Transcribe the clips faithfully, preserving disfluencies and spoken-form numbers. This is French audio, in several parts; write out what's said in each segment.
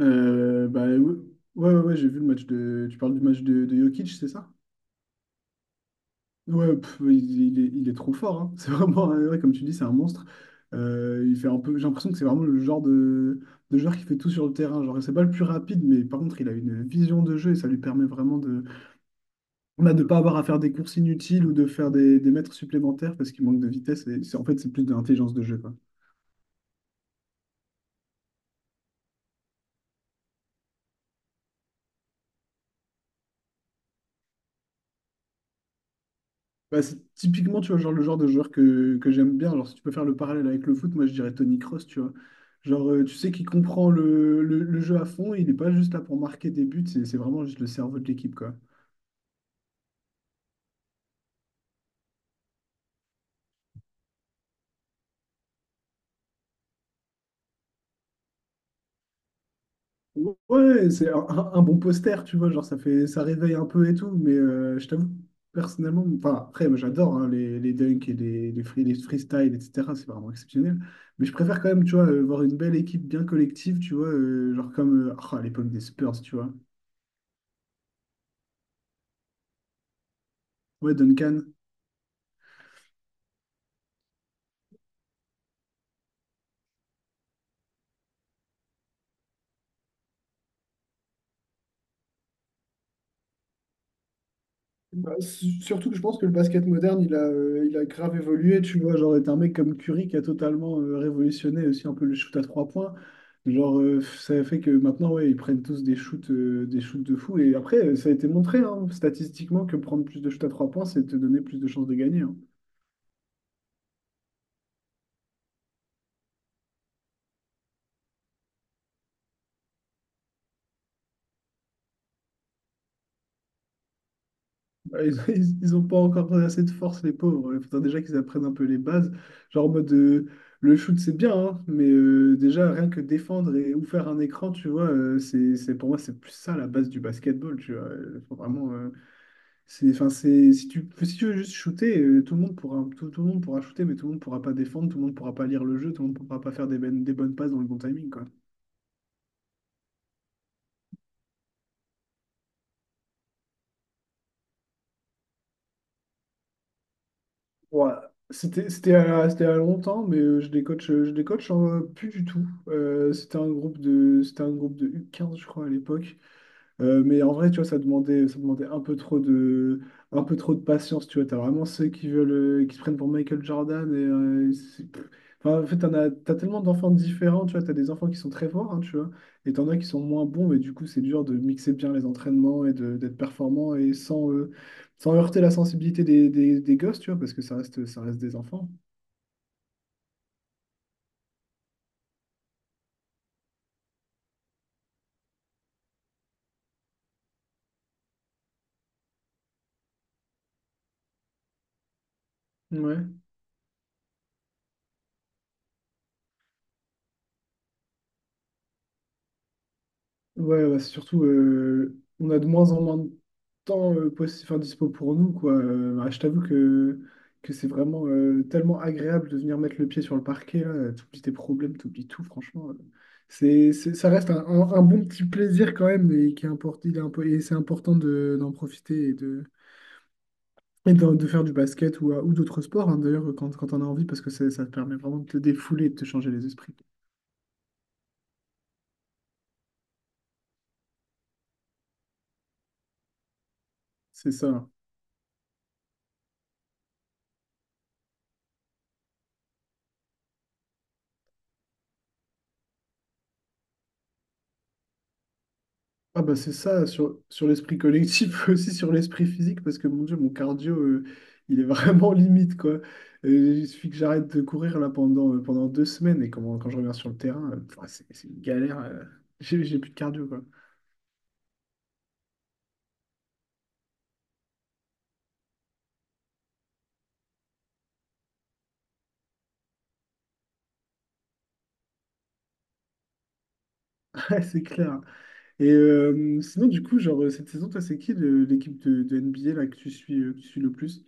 Euh, bah, ouais, ouais, ouais, ouais, j'ai vu le match de. Tu parles du match de, de Jokic, c'est ça? Ouais, pff, il, il est, il est trop fort, hein. C'est vraiment, un- ouais, comme tu dis, c'est un monstre. Euh, il fait un peu, j'ai l'impression que c'est vraiment le genre de, de joueur qui fait tout sur le terrain. Genre, c'est pas le plus rapide, mais par contre, il a une vision de jeu et ça lui permet vraiment de, on a de pas avoir à faire des courses inutiles ou de faire des, des mètres supplémentaires parce qu'il manque de vitesse. Et c'est- en fait, c'est plus de l'intelligence de jeu, quoi. Bah, c'est typiquement, tu vois, genre le genre de joueur que, que j'aime bien. Alors, si tu peux faire le parallèle avec le foot, moi, je dirais Tony Kroos, tu vois. Genre, euh, tu sais qu'il comprend le, le- le jeu à fond, il n'est pas juste là pour marquer des buts, c'est c'est vraiment juste le cerveau de l'équipe, quoi. Ouais, c'est un, un- un bon poster, tu vois, genre, ça fait, ça réveille un peu et tout, mais euh, je t'avoue, personnellement, enfin, après, moi, j'adore, hein, les, les dunks et les, les, free, les freestyles, et cetera, c'est vraiment exceptionnel. Mais je préfère quand même, tu vois, euh, voir une belle équipe bien collective, tu vois, euh, genre comme euh, oh, à l'époque des Spurs, tu vois. Ouais, Duncan. Bah, su- surtout que je pense que le basket moderne, il a, euh, il a grave évolué, tu vois, genre, t'as un mec comme Curry qui a totalement, euh, révolutionné aussi un peu le shoot à trois points. Genre, euh, ça fait que maintenant, ouais, ils prennent tous des shoots, euh, des shoots de fou. Et après, euh, ça a été montré, hein, statistiquement, que prendre plus de shoots à trois points, c'est te donner plus de chances de gagner, hein. Ouais, Ils, ils, ils ont pas encore assez de force, les pauvres. Il faudrait déjà qu'ils apprennent un peu les bases. Genre en mode, euh, le shoot, c'est bien, hein, mais, euh, déjà rien que défendre et ou faire un écran, tu vois, euh, c'est, c'est, pour moi, c'est plus ça la base du basketball, tu vois. Euh, Faut vraiment, euh, c'est, enfin, c'est, si tu, si tu veux juste shooter, euh, tout le monde pourra, tout, tout le monde pourra shooter, mais tout le monde pourra pas défendre, tout le monde pourra pas lire le jeu, tout le monde pourra pas faire des, bonnes- des bonnes passes dans le bon timing, quoi. Ouais, c'était c'était à- c'était à longtemps, mais, euh, je décoche je décoche euh, plus du tout. Euh, c'était un groupe de c'était un groupe de U quinze, je crois, à l'époque. Euh, mais en vrai, tu vois, ça demandait, ça demandait un peu trop de, un peu trop de patience, tu vois. T'as vraiment ceux qui veulent, euh, qui se prennent pour Michael Jordan et, euh, c'est- pff. Enfin, en fait, t'en as, t'as tellement d'enfants différents, tu vois. T'as des enfants qui sont très forts, hein, tu vois, et t'en as qui sont moins bons, mais du coup, c'est dur de mixer bien les entraînements et de, d'être performant et sans, euh, sans heurter la sensibilité des, des, des gosses, tu vois, parce que ça reste, ça reste des enfants. Ouais. Ouais, ouais, c'est surtout, euh, on a de moins en moins de temps, euh, possi- enfin, dispo pour nous, quoi. Euh, bah, je t'avoue que, que c'est vraiment, euh, tellement agréable de venir mettre le pied sur le parquet, là. T'oublies tes problèmes, t'oublies tout, franchement. euh. C'est, c'est- ça reste un, un- un bon petit plaisir quand même, et qui est import- il est impo- et c'est important de, d'en profiter et de, et de de, faire du basket ou, euh, ou d'autres sports, hein, d'ailleurs, quand, quand on a envie, parce que c'est- ça te permet vraiment de te défouler et de te changer les esprits. C'est ça. hein. Ah bah c'est ça, sur, sur l'esprit collectif, aussi sur l'esprit physique, parce que mon Dieu, mon cardio, euh, il est vraiment limite, quoi. Euh, il suffit que j'arrête de courir là pendant, euh, pendant deux semaines, et quand, quand je reviens sur le terrain, euh, pff, c'est c'est une galère. euh, j'ai j'ai plus de cardio, quoi. Ouais, c'est clair. Et euh, sinon, du coup, genre, euh, cette saison, toi, c'est qui de l'équipe de, de N B A là, que tu suis, euh, que tu suis le plus?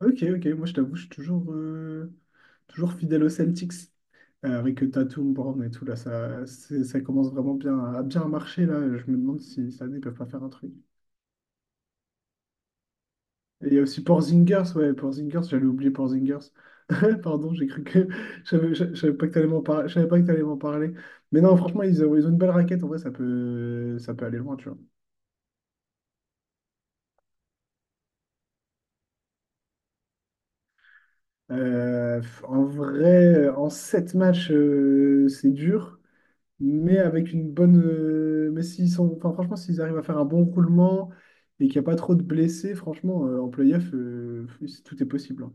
Ok, ok, moi je t'avoue, je suis toujours, euh, toujours fidèle aux Celtics. Euh, avec Tatum, Brown et tout, là, ça, c'est- ça commence vraiment bien à à bien marcher, là. Je me demande si cette année, ils peuvent pas faire un truc. Et il y a aussi Porzingis, ouais, Porzingis, j'allais oublier Porzingis. Pardon, j'ai cru que... Je savais je- je savais pas que t'allais m'en par- je savais pas que t'allais m'en parler. Mais non, franchement, ils ont, ils ont une belle raquette, en vrai, ça peut, ça peut aller loin, tu vois. Euh, en vrai, en sept matchs, euh, c'est dur. Mais avec une bonne. Euh, mais s'ils sont, enfin, franchement, s'ils arrivent à faire un bon roulement et qu'il n'y a pas trop de blessés, franchement, euh, en playoff, euh, c'est- tout est possible, hein.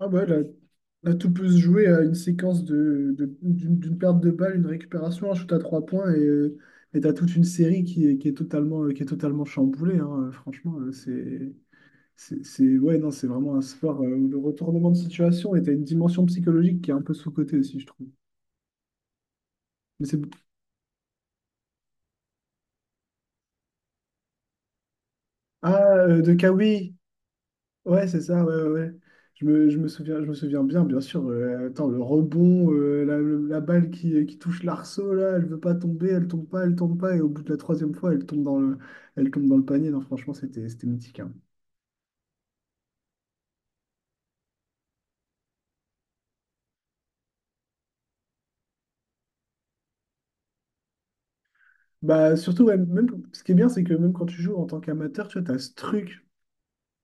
Ah bah là, là, tout peut se jouer à une séquence de, de- d'une d'une perte de balle, une récupération, un shoot à trois points et euh, et t'as toute une série qui est, qui est totalement, euh, qui est totalement chamboulée. hein. Euh, Franchement, euh, c'est, c'est, c'est- ouais, non, c'est vraiment un sport, euh, où le retournement de situation et t'as une dimension psychologique qui est un peu sous-cotée aussi, je trouve. Mais c'est... Ah, euh, de Kawhi. Ouais, c'est ça, ouais, ouais, ouais. Je me, je me souviens, je me souviens bien, bien sûr. euh, attends, le rebond, euh, la, la balle qui, euh, qui touche l'arceau, là, elle veut pas tomber, elle tombe pas, elle tombe pas, et au bout de la troisième fois, elle tombe dans le, elle tombe dans le panier. Non, franchement, c'était, c'était mythique, hein. Bah, surtout, ouais, même, ce qui est bien, c'est que même quand tu joues en tant qu'amateur, tu vois, t'as ce truc.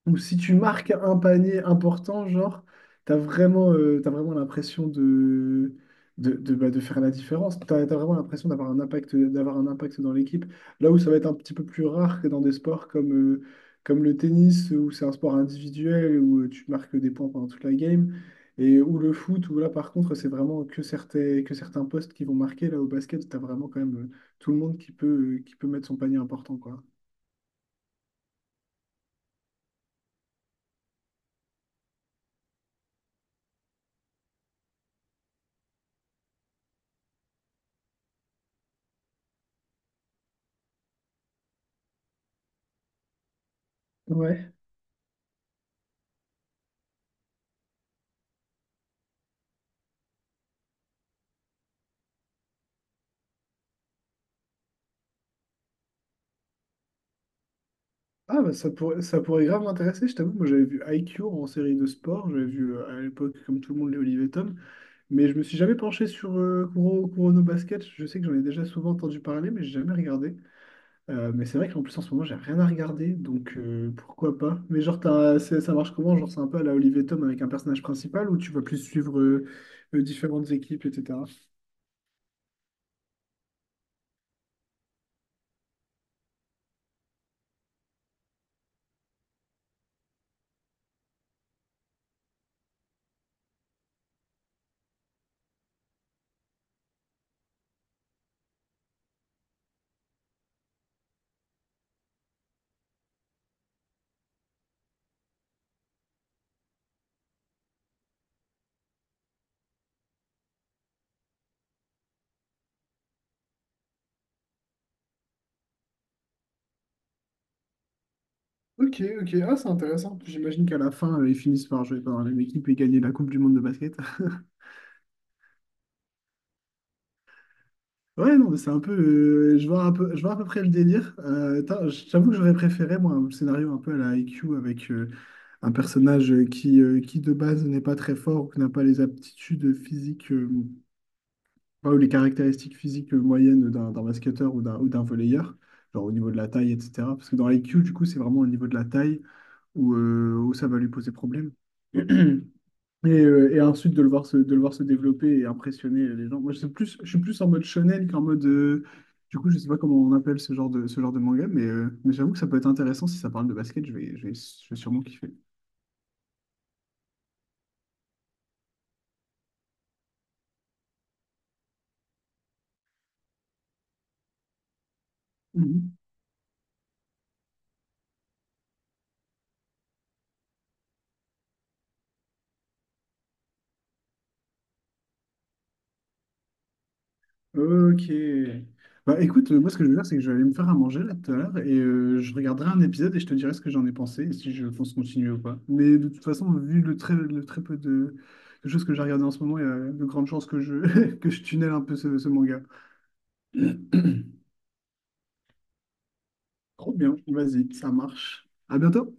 Ou si tu marques un panier important, genre, t'as vraiment, euh, t'as vraiment l'impression de, de, de, bah, de faire la différence. T'as, t'as vraiment l'impression d'avoir un impact, d'avoir un impact dans l'équipe. Là où ça va être un petit peu plus rare que dans des sports comme, euh, comme le tennis, où c'est un sport individuel, où euh, tu marques des points pendant toute la game, et où le foot, où là, par contre, c'est vraiment que certains, que certains postes qui vont marquer. Là, au basket, t'as vraiment quand même, euh, tout le monde qui peut, qui peut mettre son panier important, quoi. Ouais. Ah, bah, ça pourrait, ça pourrait grave m'intéresser, je t'avoue. Moi, j'avais vu I Q en série de sport. J'avais vu, euh, à l'époque, comme tout le monde, les Olivier Tom. Mais je me suis jamais penché sur, euh, Kuro, Kurono Basket. Je sais que j'en ai déjà souvent entendu parler, mais j'ai jamais regardé. Euh, mais c'est vrai qu'en plus, en ce moment, j'ai rien à regarder. Donc, euh, pourquoi pas? Mais genre, t'as- c'est- ça marche comment? Genre, c'est un peu à la Olivier Tom avec un personnage principal ou tu vas plus suivre, euh, euh, différentes équipes, et cetera. Ok, ok. Ah, c'est intéressant. J'imagine qu'à la fin, euh, ils finissent par jouer dans la même équipe et gagner la Coupe du Monde de basket. Ouais, non, mais c'est un peu. euh, je vois un peu, je vois à peu près le délire. Euh, tain, je t'avoue que j'aurais préféré, moi, un scénario un peu à la I Q avec, euh, un personnage, euh, qui, euh, qui, de base, n'est pas très fort ou qui n'a pas les aptitudes physiques, euh, enfin, ou les caractéristiques physiques, euh, moyennes d'un d'un basketteur ou d'un ou d'un volleyeur, genre au niveau de la taille, et cetera. Parce que dans l'I Q, du coup, c'est vraiment au niveau de la taille où, euh, où ça va lui poser problème. Et, euh, et ensuite de le voir se, de le voir se développer et impressionner les gens. Moi, je suis plus, je suis plus en mode shonen qu'en mode. euh, du coup, je sais pas comment on appelle ce genre de, ce genre de manga, mais, euh, mais j'avoue que ça peut être intéressant si ça parle de basket. Je vais, je vais, je vais sûrement kiffer. Mhm. Ok. Bah écoute, euh, moi, ce que je vais faire, c'est que je vais aller me faire à manger là tout à l'heure et euh, je regarderai un épisode et je te dirai ce que j'en ai pensé et si je pense continuer ou pas. Mais de toute façon, vu le très, le très peu de, de choses que j'ai regardé en ce moment, il y a de grandes chances que je, que je tunnel un peu ce ce manga. Trop bien, vas-y, ça marche. À bientôt.